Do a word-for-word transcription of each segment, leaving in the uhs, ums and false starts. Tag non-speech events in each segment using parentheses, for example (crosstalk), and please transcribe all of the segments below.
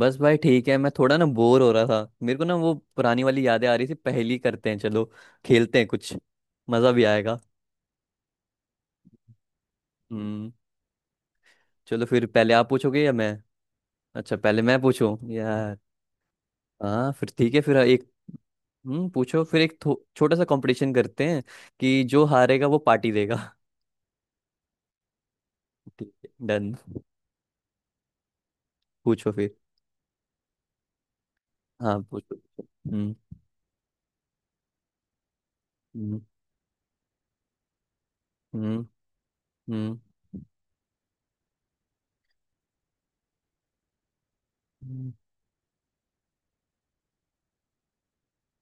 बस भाई ठीक है। मैं थोड़ा ना बोर हो रहा था। मेरे को ना वो पुरानी वाली यादें आ रही थी। पहेली करते हैं, चलो खेलते हैं कुछ। मजा भी आएगा। हम्म। चलो फिर, पहले आप पूछोगे या मैं? अच्छा, पहले मैं पूछूं यार। हाँ, फिर ठीक है। फिर एक। हम्म पूछो फिर। एक थो- छोटा सा कंपटीशन करते हैं, कि जो हारेगा वो पार्टी देगा। (laughs) ठीक है डन। पूछो फिर। हाँ, पूछो। हम्म। हम्म। हम्म। हम्म।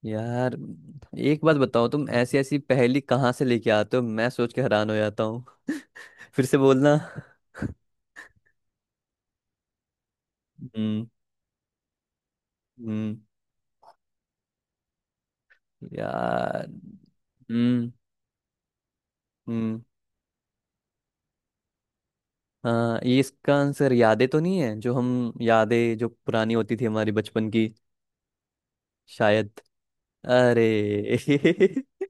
यार, एक बात बताओ, तुम ऐसी ऐसी पहेली कहाँ से लेके आते हो, मैं सोच के हैरान हो जाता हूँ। (laughs) फिर से बोलना। हम्म। हम्म। यार। हम्म। हम्म। हाँ, ये इसका आंसर यादें तो नहीं है, जो हम यादें जो पुरानी होती थी हमारी बचपन की। शायद। अरे। (laughs)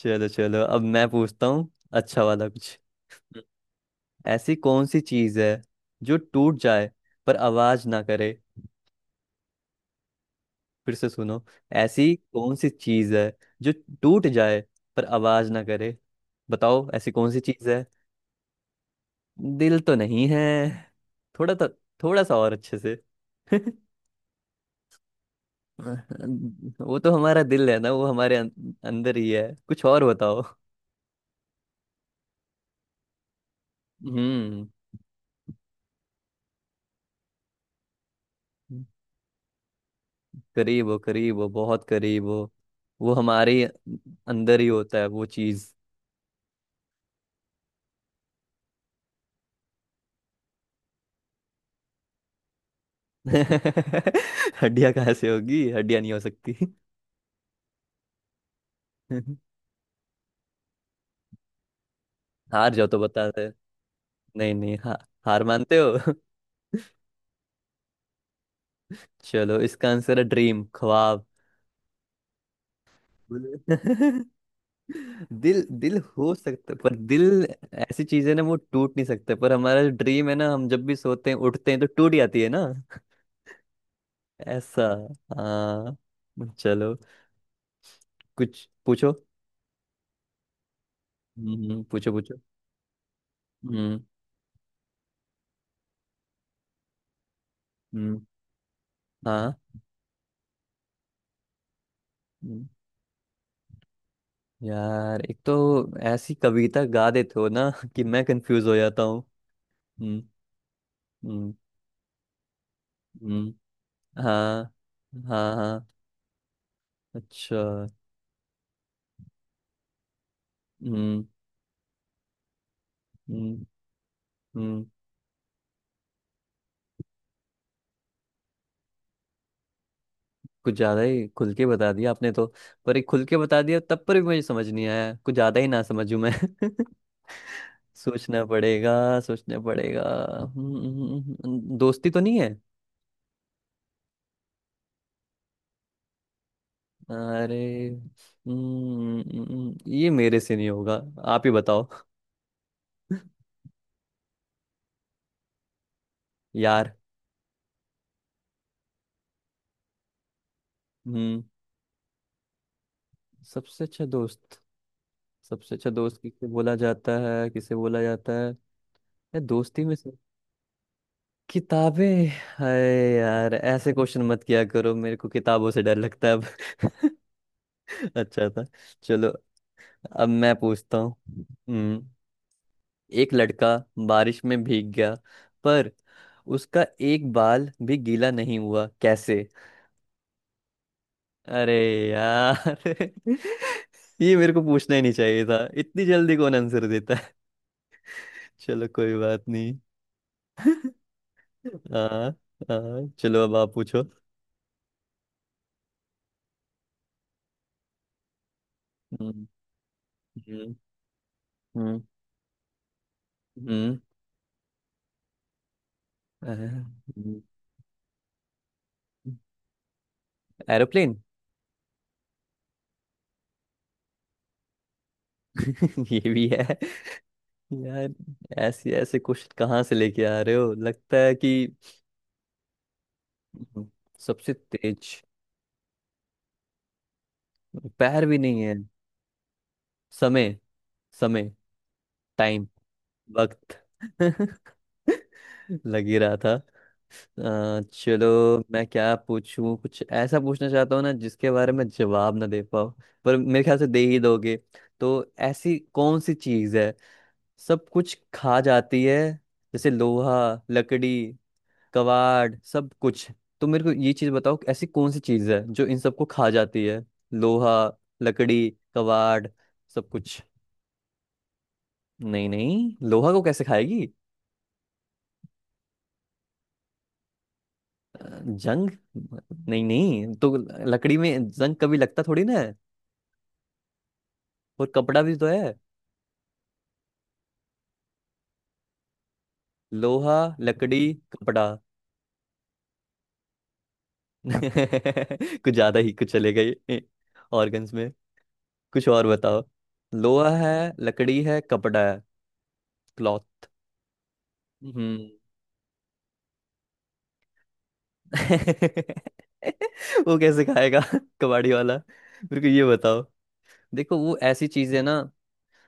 चलो चलो, अब मैं पूछता हूँ। अच्छा वाला कुछ। ऐसी कौन सी चीज है जो टूट जाए पर आवाज ना करे? फिर से सुनो। ऐसी कौन सी चीज है? जो टूट जाए पर आवाज ना करे? बताओ ऐसी कौन सी चीज है? दिल तो नहीं है। थोड़ा तो, थोड़ा सा और अच्छे से। (laughs) वो तो हमारा दिल है ना, वो हमारे अं- अंदर ही है। कुछ और बताओ। हम्म। करीब हो, करीब हो, बहुत करीब हो। वो हमारे ही अंदर ही होता है वो चीज। (laughs) हड्डियां कहाँ से होगी? हड्डियां नहीं हो सकती। (laughs) हार जाओ तो बता दे। नहीं नहीं, हा, हार मानते हो? (laughs) चलो, इसका आंसर है ड्रीम, ख्वाब। बोले- (laughs) दिल, दिल हो सकता है, पर दिल ऐसी चीज है ना, वो टूट नहीं सकता, पर हमारा जो ड्रीम है ना, हम जब भी सोते हैं उठते हैं तो टूट जाती है ना। (laughs) ऐसा। हाँ। चलो, कुछ पूछो। हम्म हम्म, पूछो पूछो। हम्म। हम्म। हाँ। हम्म। यार, एक तो ऐसी कविता गा देते हो ना, (laughs) कि मैं कंफ्यूज हो जाता हूँ। हम्म। हम्म। हम्म। हाँ। हाँ हाँ। अच्छा। हम्म। हम्म। हम्म। कुछ ज्यादा ही खुल के बता दिया आपने तो। पर एक खुल के बता दिया तब पर भी मुझे समझ नहीं आया, कुछ ज्यादा ही ना समझूं मैं। (laughs) सोचना पड़ेगा, सोचना पड़ेगा। हम्म, हम्म, हम्म, दोस्ती तो नहीं है। अरे। हम्म, हम्म, ये मेरे से नहीं होगा। आप ही बताओ। (laughs) यार। हम्म। सबसे अच्छा दोस्त, सबसे अच्छा दोस्त किसे बोला जाता है? किसे बोला जाता है? यार, दोस्ती में से। किताबें। हाय। यार, ऐसे क्वेश्चन मत किया करो, मेरे को किताबों से डर लगता है अब। (laughs) अच्छा था। चलो, अब मैं पूछता हूँ। हम्म। एक लड़का बारिश में भीग गया, पर उसका एक बाल भी गीला नहीं हुआ, कैसे? अरे यार, (laughs) ये मेरे को पूछना ही नहीं चाहिए था, इतनी जल्दी कौन आंसर देता है। (laughs) चलो, कोई बात नहीं। (laughs) हाँ। हाँ, चलो अब आप पूछो। हम्म। हम्म। हम्म। हम्म, अ, हम्म, एरोप्लेन। (laughs) ये भी है। यार, ऐसे ऐसे क्वेश्चन कहाँ से लेके आ रहे हो, लगता है कि। सबसे तेज। पैर भी नहीं है। समय। समय। टाइम। वक्त। (laughs) लग ही रहा था। अ, चलो। मैं क्या पूछूं? कुछ ऐसा पूछना चाहता हूँ ना, जिसके बारे में जवाब ना दे पाओ। पर मेरे ख्याल से दे ही दोगे। तो ऐसी कौन सी चीज है, सब कुछ खा जाती है? जैसे लोहा, लकड़ी, कबाड़, सब कुछ। तो मेरे को ये चीज बताओ, ऐसी कौन सी चीज है जो इन सबको खा जाती है? लोहा, लकड़ी, कबाड़, सब कुछ। नहीं नहीं, लोहा को कैसे खाएगी? अ, जंग। नहीं नहीं तो, लकड़ी में जंग कभी लगता थोड़ी ना है, और कपड़ा भी तो है। लोहा, लकड़ी, कपड़ा। (laughs) कुछ ज्यादा ही कुछ चले गए ऑर्गन्स में। कुछ और बताओ। लोहा है, लकड़ी है, कपड़ा है। क्लॉथ। (laughs) वो कैसे खाएगा? (laughs) कबाड़ी वाला। मेरे को ये बताओ। देखो, वो ऐसी चीज है ना,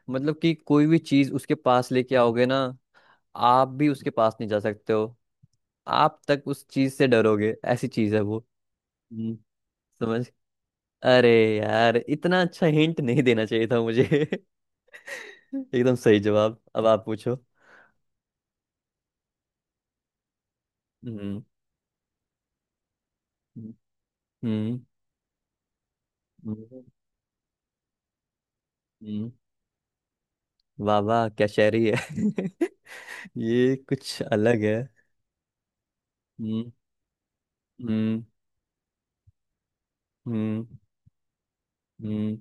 मतलब कि कोई भी चीज उसके पास लेके आओगे ना, आप भी उसके पास नहीं जा सकते हो। आप तक उस चीज से डरोगे, ऐसी चीज है वो। हम्म, समझ। अरे। यार, इतना अच्छा हिंट नहीं देना चाहिए था मुझे। (laughs) एकदम सही जवाब, अब आप पूछो। हम्म। हम्म। हम्म। हम्म। वाह वाह, क्या शायरी है। (laughs) ये कुछ अलग है। हम्म। हम्म। हम्म। हम्म।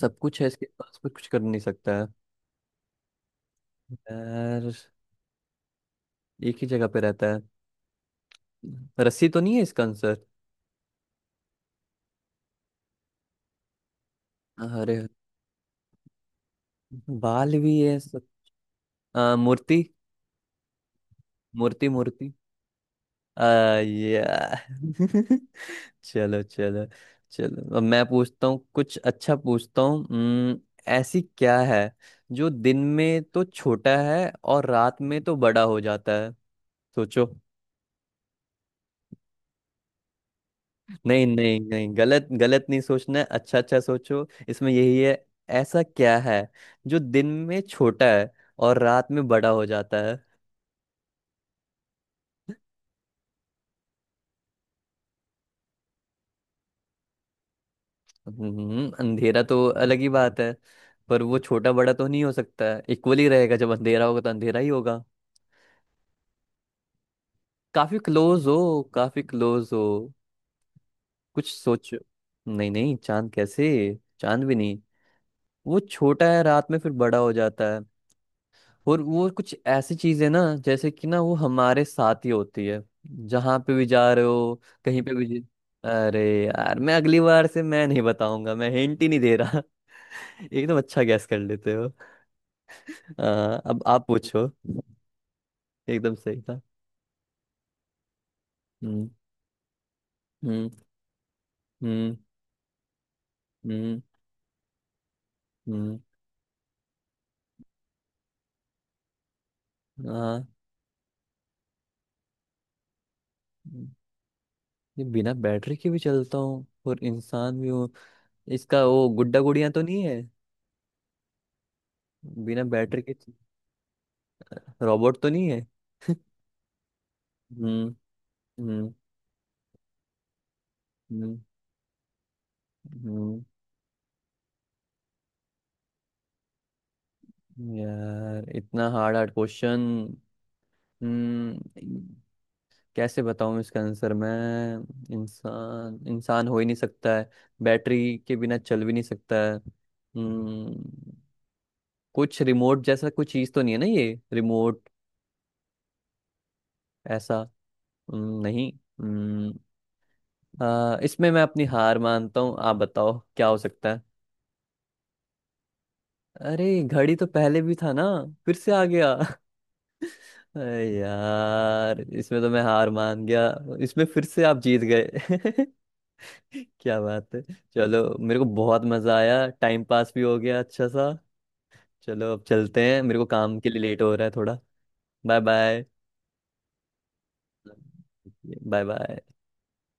सब कुछ है इसके पास पर कुछ कर नहीं सकता है। यार। एक ही जगह पे रहता है। रस्सी तो नहीं है इसका आंसर? अरे। बाल भी है सब। आ, मूर्ति। मूर्ति, मूर्ति। आ, यार। (laughs) चलो चलो। चलो अब मैं पूछता हूँ, कुछ अच्छा पूछता हूँ। हम्म। ऐसी क्या है जो दिन में तो छोटा है और रात में तो बड़ा हो जाता है? सोचो। नहीं नहीं नहीं, गलत गलत नहीं सोचना है, अच्छा अच्छा सोचो इसमें, यही है। ऐसा क्या है जो दिन में छोटा है और रात में बड़ा हो जाता है? हम्म, अंधेरा तो अलग ही बात है। पर वो छोटा बड़ा तो नहीं हो सकता है, इक्वली रहेगा, जब अंधेरा होगा तो अंधेरा ही होगा। काफी क्लोज हो, काफी क्लोज हो। कुछ सोचो। नहीं नहीं, चांद कैसे? चांद भी नहीं। वो छोटा है रात में, फिर बड़ा हो जाता है। और वो कुछ ऐसी चीज है ना, जैसे कि ना वो हमारे साथ ही होती है, जहां पे भी जा रहे हो, कहीं पे भी जा- अरे यार, मैं अगली बार से मैं नहीं बताऊंगा, मैं हिंट ही नहीं दे रहा। (laughs) एकदम अच्छा गैस कर लेते हो। आ, अब आप पूछो। एकदम सही था। हम्म। हम्म। हम्म। हम्म। हम्म। हाँ। हम्म। ये बिना बैटरी के भी चलता हूँ और इंसान भी हूँ? इसका वो गुड्डा गुड़िया तो नहीं है? बिना बैटरी के। रोबोट तो नहीं है? (laughs) हम्म। हम्म। हम्म, यार इतना हार्ड हार्ड क्वेश्चन। हम्म। कैसे बताऊं इसका आंसर मैं? इंसान, इंसान हो ही नहीं सकता है। बैटरी के बिना चल भी नहीं सकता है। हम्म। कुछ रिमोट जैसा कुछ चीज तो नहीं है ना, ये रिमोट, ऐसा? हम्म, नहीं। हम्म। आ, इसमें मैं अपनी हार मानता हूँ, आप बताओ क्या हो सकता है। अरे, घड़ी तो पहले भी था ना, फिर से आ गया। अरे यार, इसमें तो मैं हार मान गया। इसमें फिर से आप जीत गए। (laughs) क्या बात है। चलो, मेरे को बहुत मजा आया, टाइम पास भी हो गया अच्छा सा। चलो, अब चलते हैं, मेरे को काम के लिए लेट हो रहा है थोड़ा। Bye bye. Bye bye.